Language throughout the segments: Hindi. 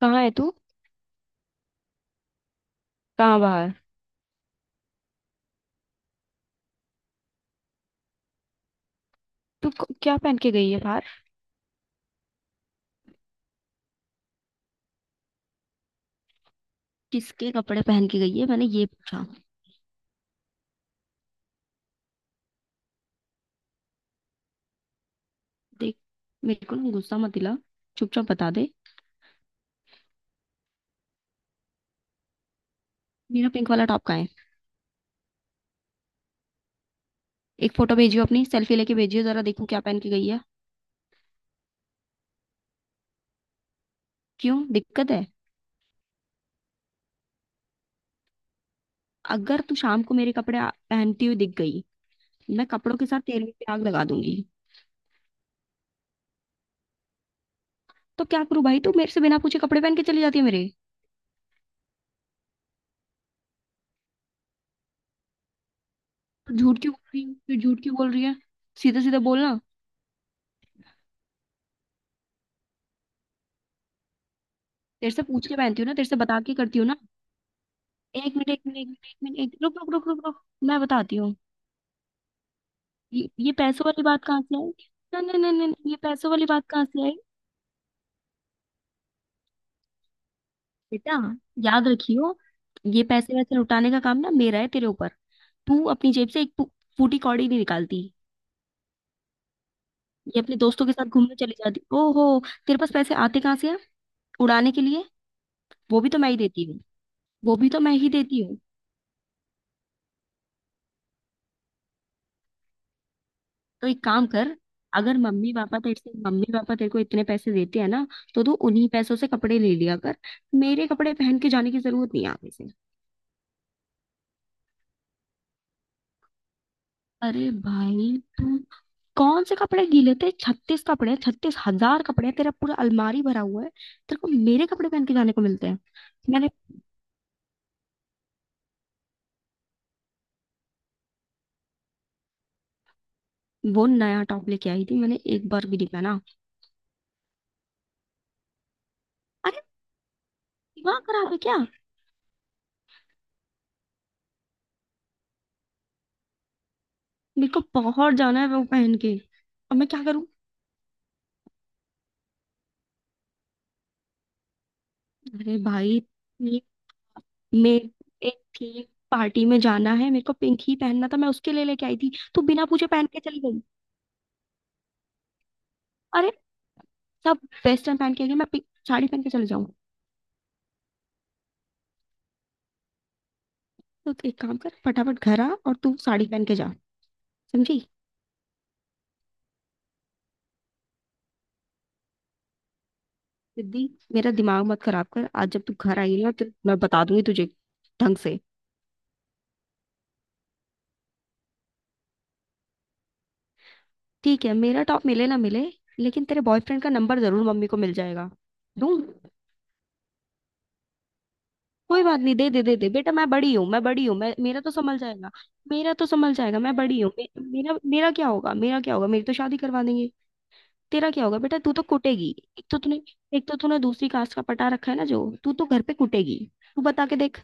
कहाँ है तू। कहाँ बाहर। तू क्या पहन के गई है बाहर। किसके कपड़े पहन के गई है, मैंने ये पूछा। देख। मेरे को ना गुस्सा मत दिला। चुपचाप बता दे। मेरा पिंक वाला टॉप कहाँ है। एक फोटो भेजियो, अपनी सेल्फी लेके भेजियो, जरा देखूं क्या पहन के गई है। क्यों, दिक्कत है? अगर तू शाम को मेरे कपड़े पहनती हुई दिख गई। मैं कपड़ों के साथ तेल में भी आग लगा दूंगी। तो क्या करूं भाई, तू मेरे से बिना पूछे कपड़े पहन के चली जाती है मेरे। तो झूठ क्यों बोल रही है, फिर झूठ क्यों बोल रही है। सीधे सीधे बोलना। तेरे से पूछ के पहनती हूँ ना, तेरे से बता के करती हूँ ना। एक मिनट, एक मिनट, एक मिनट, एक मिनट, एक रुक रुक रुक रुक रुक। मैं बताती हूँ। ये पैसों वाली बात कहाँ से आई? ना ना ना ना ना, ये पैसों वाली बात कहाँ से आई? बेटा, याद रखियो। ये पैसे वैसे लुटाने का काम ना मेरा है तेरे ऊपर। तू अपनी जेब से एक फूटी कौड़ी नहीं निकालती। ये अपने दोस्तों के साथ घूमने चली जाती। ओहो। तेरे पास पैसे आते कहाँ से हैं उड़ाने के लिए? वो भी तो मैं ही देती हूँ। वो भी तो मैं ही देती। तो एक काम कर, अगर मम्मी पापा तेरे को इतने पैसे देते हैं ना, तो तू उन्हीं पैसों से कपड़े ले लिया कर। मेरे कपड़े पहन के जाने की जरूरत नहीं है आगे से। अरे भाई तू। कौन से कपड़े गीले थे? 36 कपड़े हैं, 36,000 कपड़े हैं, तेरा पूरा अलमारी भरा हुआ है। तेरे को मेरे कपड़े पहन के जाने को मिलते हैं। मैंने वो नया टॉप लेके आई थी, मैंने एक बार भी नहीं पहना। अरे, दिमाग खराब है क्या? मेरे को बहुत जाना है वो पहन के। अब मैं क्या करूं? अरे भाई मेरे। एक थी पार्टी में जाना, है मेरे को पिंक ही पहनना था, मैं उसके लिए लेके आई थी, तू बिना पूछे पहन के चली गई। अरे, सब वेस्टर्न पहन के गए, मैं पिंक साड़ी पहन के चले जाऊं? तो तू एक काम कर, फटाफट घर आ और तू साड़ी पहन के जा। समझी सिद्धि? मेरा दिमाग मत खराब कर, आज जब तू घर आई ना तो मैं बता दूंगी तुझे ढंग से। ठीक है, मेरा टॉप मिले ना मिले, लेकिन तेरे बॉयफ्रेंड का नंबर जरूर मम्मी को मिल जाएगा। दूं? कोई बात नहीं, दे दे दे दे बेटा, मैं बड़ी हूँ, मैं बड़ी हूँ, मैं मेरा तो संभल जाएगा। मेरा तो संभल जाएगा, मैं बड़ी हूँ, मे, मेरा मेरा क्या होगा, मेरा क्या होगा, मेरी तो शादी करवा देंगे। तेरा क्या होगा बेटा? तू तो कुटेगी। एक तो तूने एक तो तूने दूसरी कास्ट का पटा रखा है ना, जो तू तो घर पे कुटेगी। तू बता के देख।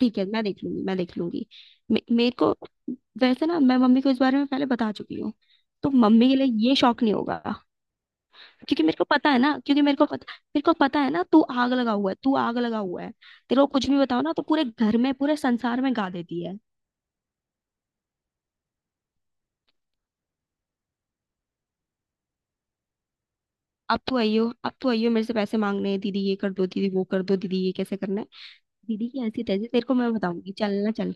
ठीक है, मैं देख लूंगी, मैं देख लूंगी। मेरे को वैसे ना मैं मम्मी को इस बारे में पहले बता चुकी हूँ, तो मम्मी के लिए ये शौक नहीं होगा। क्योंकि मेरे को पता है ना, क्योंकि मेरे को पता है ना, तू आग लगा हुआ है, तू आग लगा हुआ है। तेरे को कुछ भी बताओ ना तो पूरे घर में पूरे संसार में गा देती है। अब तो आइयो, अब तो आइयो, मेरे से पैसे मांगने हैं, दीदी ये कर दो, दीदी वो कर दो, दीदी ये कैसे करना है। दीदी की ऐसी तैसी, तेरे को मैं बताऊंगी, चल ना चल।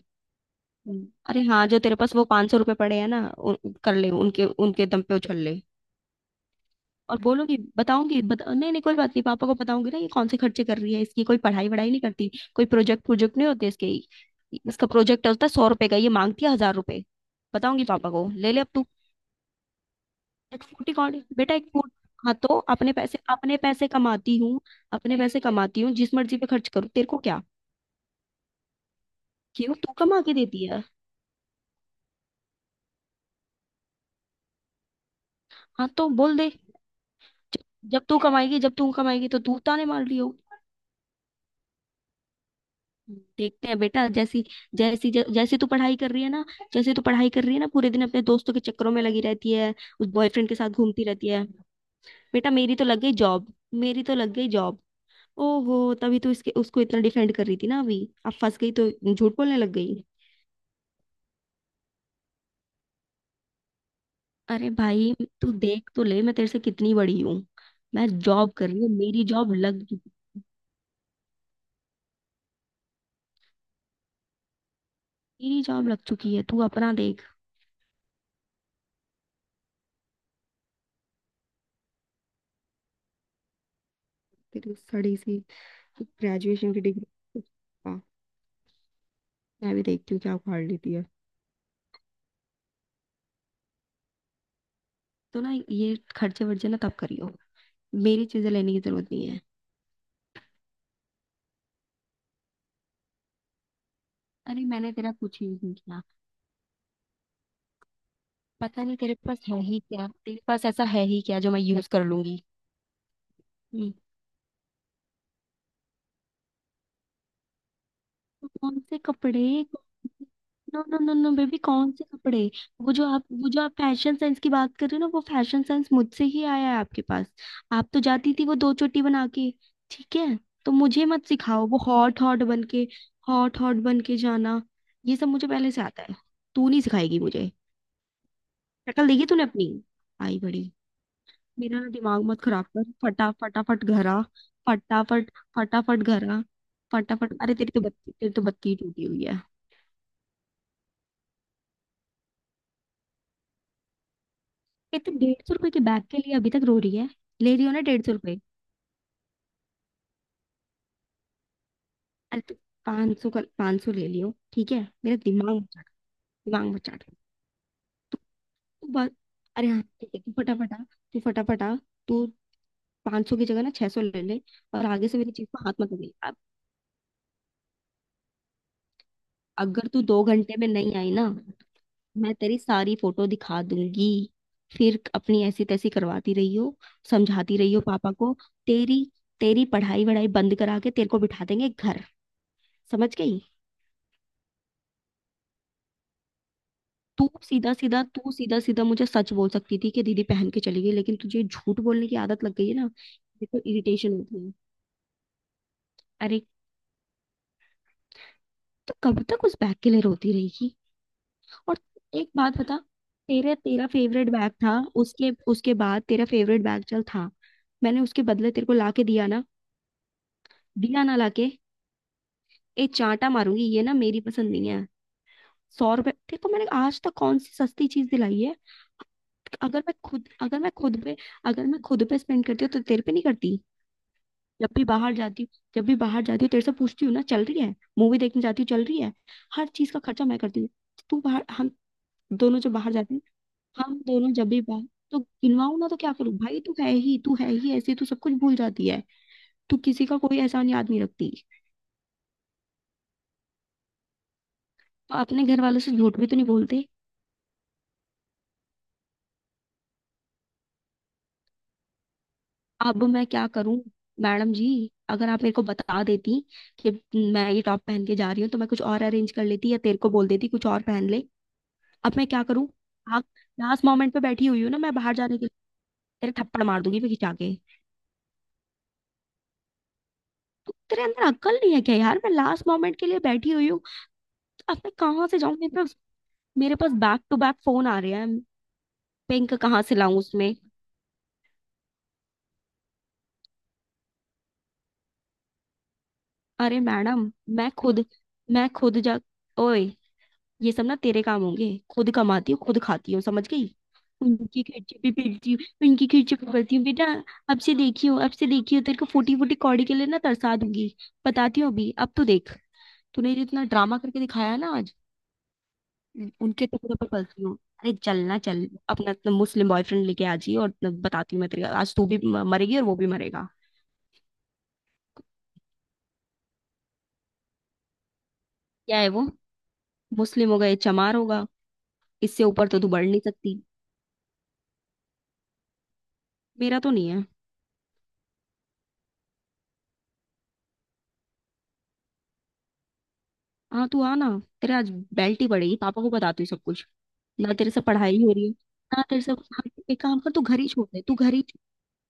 हम्म। अरे हाँ, जो तेरे पास वो 500 रुपए पड़े हैं ना कर ले, उनके उनके दम पे उछल ले। और बोलूंगी, बताऊंगी, नहीं नहीं, कोई बात नहीं, पापा को बताऊंगी ना, ये कौन से खर्चे कर रही है, इसकी कोई पढ़ाई वढ़ाई नहीं करती, कोई प्रोजेक्ट प्रोजेक्ट नहीं होते इसके। इसका प्रोजेक्ट होता है 100 रुपए का, ये मांगती है 1000 रुपए। बताऊंगी पापा को, ले ले अब तू। एक फूटी कौन है? बेटा एक फूट। हाँ तो अपने पैसे कमाती हूँ। अपने पैसे कमाती हूँ, जिस मर्जी पे खर्च करूँ, तेरे को क्या? क्यों, तू कमा के देती है? हाँ तो बोल दे। जब जब तू कमाएगी तो तू ताने मार रही हो। देखते हैं बेटा, जैसी, जैसी जैसी तू पढ़ाई कर रही है ना। जैसे तू पढ़ाई कर रही है ना, पूरे दिन अपने दोस्तों के चक्करों में लगी रहती है, उस बॉयफ्रेंड के साथ घूमती रहती है। बेटा, मेरी तो लग गई जॉब। मेरी तो लग गई जॉब। ओहो, तभी तो इसके उसको इतना डिफेंड कर रही थी ना अभी। अब फंस गई तो झूठ बोलने लग गई। अरे भाई, तू देख तो ले मैं तेरे से कितनी बड़ी हूँ। मैं जॉब कर रही हूँ, मेरी जॉब लग चुकी। मेरी जॉब लग चुकी है, तू अपना देख। तेरी सड़ी सी ग्रेजुएशन की डिग्री, मैं भी देखती हूँ क्या उखाड़ लेती है। तो ना ये खर्चे वर्चे ना तब करियो, मेरी चीजें लेने की जरूरत नहीं है। अरे, मैंने तेरा कुछ यूज नहीं किया। पता नहीं तेरे पास है ही क्या, तेरे पास ऐसा है ही क्या जो मैं यूज कर लूंगी। हम्म। तो कौन से कपड़े? No no no no baby, कौन से कपड़े? वो जो आप फैशन सेंस की बात कर रहे हो ना, वो फैशन सेंस मुझसे ही आया है आपके पास। आप तो जाती थी वो दो चोटी बना के। ठीक है, तो मुझे मत सिखाओ वो हॉट हॉट बन के। हॉट हॉट बन के जाना, ये सब मुझे पहले से आता है। तू नहीं सिखाएगी मुझे। शक्ल देखी तूने अपनी? आई बड़ी। मेरा ना दिमाग मत खराब कर, फटाफट घर आ। फटाफट, फटाफट घर आ, फटाफट। अरे तेरी तो बत्ती ही टूटी हुई है। ये तो 150 रुपए के बैग के लिए अभी तक रो रही है। ले रही हो ना 150 रुपए। अरे तो 500 का 500 ले लियो, ठीक है, मेरा दिमाग मत चाट, दिमाग मत चाट। तू बस, अरे हाँ ठीक है, तू फटाफट आ, तू फटाफट आ। तू 500 की जगह ना 600 ले ले। और आगे से मेरी चीज को हाथ मत लगे अब। अगर तू 2 घंटे में नहीं आई ना, मैं तेरी सारी फोटो दिखा दूंगी, फिर अपनी ऐसी तैसी करवाती रही हो, समझाती रही हो पापा को। तेरी तेरी पढ़ाई वढ़ाई बंद करा के तेरे को बिठा देंगे घर, समझ गई? तू सीधा सीधा मुझे सच बोल सकती थी कि दीदी पहन के चली गई, लेकिन तुझे झूठ बोलने की आदत लग गई है ना, मेरे को इरिटेशन होती है। अरे तो कब तक उस बैग के लिए रोती रहेगी? और एक बात बता, तेरे तेरा फेवरेट बैग था, उसके उसके बाद तेरा फेवरेट बैग चल था, मैंने उसके बदले तेरे को ला के दिया ना, दिया ना लाके। एक चांटा मारूंगी, ये ना मेरी पसंद नहीं है। 100 रुपए, देखो मैंने आज तक कौन सी सस्ती चीज दिलाई है। अगर मैं खुद अगर मैं खुद पे अगर मैं खुद पे स्पेंड करती हूँ तो तेरे पे नहीं करती। जब भी बाहर जाती हूँ जब भी बाहर जाती हूँ तेरे से पूछती हूँ ना, चल रही है? मूवी देखने जाती हूँ, चल रही है? हर चीज का खर्चा मैं करती हूँ। तू बाहर हम दोनों जब बाहर जाते हैं, हम दोनों जब भी बाहर तो गिनवाऊं ना? तो क्या करूं भाई, तू है ही ऐसी, तू सब कुछ भूल जाती है, तू किसी का कोई एहसान याद नहीं रखती। तो अपने घर वालों से झूठ भी तो नहीं बोलते। अब मैं क्या करूं मैडम जी? अगर आप मेरे को बता देती कि मैं ये टॉप पहन के जा रही हूँ, तो मैं कुछ और अरेंज कर लेती या तेरे को बोल देती कुछ और पहन ले। अब मैं क्या करूं? आप, लास्ट मोमेंट पे बैठी हुई हूँ ना मैं बाहर जाने के लिए। तेरे थप्पड़ मार दूंगी मैं खिंचा के। तो तेरे अंदर अक्ल नहीं है क्या यार, मैं लास्ट मोमेंट के लिए बैठी हुई हूँ, तो अब मैं कहाँ से जाऊँ? मेरे पास, मेरे पास बैक टू बैक फोन आ रहे हैं, पिंक कहाँ से लाऊं उसमें? अरे मैडम, मैं खुद, मैं खुद जा। ओए, ये सब ना तेरे काम होंगे, खुद कमाती हूँ खुद खाती हूँ, समझ गई? उनकी खर्चे पे फिरती हूँ, उनकी खर्चे पे करती हूँ बेटा। अब से देखियो, अब से देखियो, तेरे को फूटी फूटी कौड़ी के लिए ना तरसा दूंगी। बताती हूँ अभी, अब तो देख तूने जो इतना ड्रामा करके दिखाया ना आज। उनके टुकड़े पर पलती हूँ। अरे चलना चल, अपना अपना मुस्लिम बॉयफ्रेंड लेके आ जी, और बताती हूँ मैं तेरे को। आज तू भी मरेगी और वो भी मरेगा। क्या है वो, मुस्लिम होगा, ये चमार होगा, इससे ऊपर तो तू बढ़ नहीं सकती। मेरा तो नहीं है। हाँ तू आ ना, तेरा आज बेल्ट ही पड़ेगी, पापा को बताती हूँ सब कुछ। ना तेरे से पढ़ाई हो रही है, ना तेरे से। हाँ, एक काम कर, तू घर ही छोड़ दे, तू घर ही,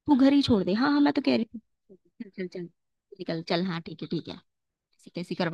तू घर ही छोड़ दे। हाँ हाँ, मैं तो कह रही थी। चल चल चल, निकल चल, हाँ ठीक है ठीक है। ऐसे कैसे कर।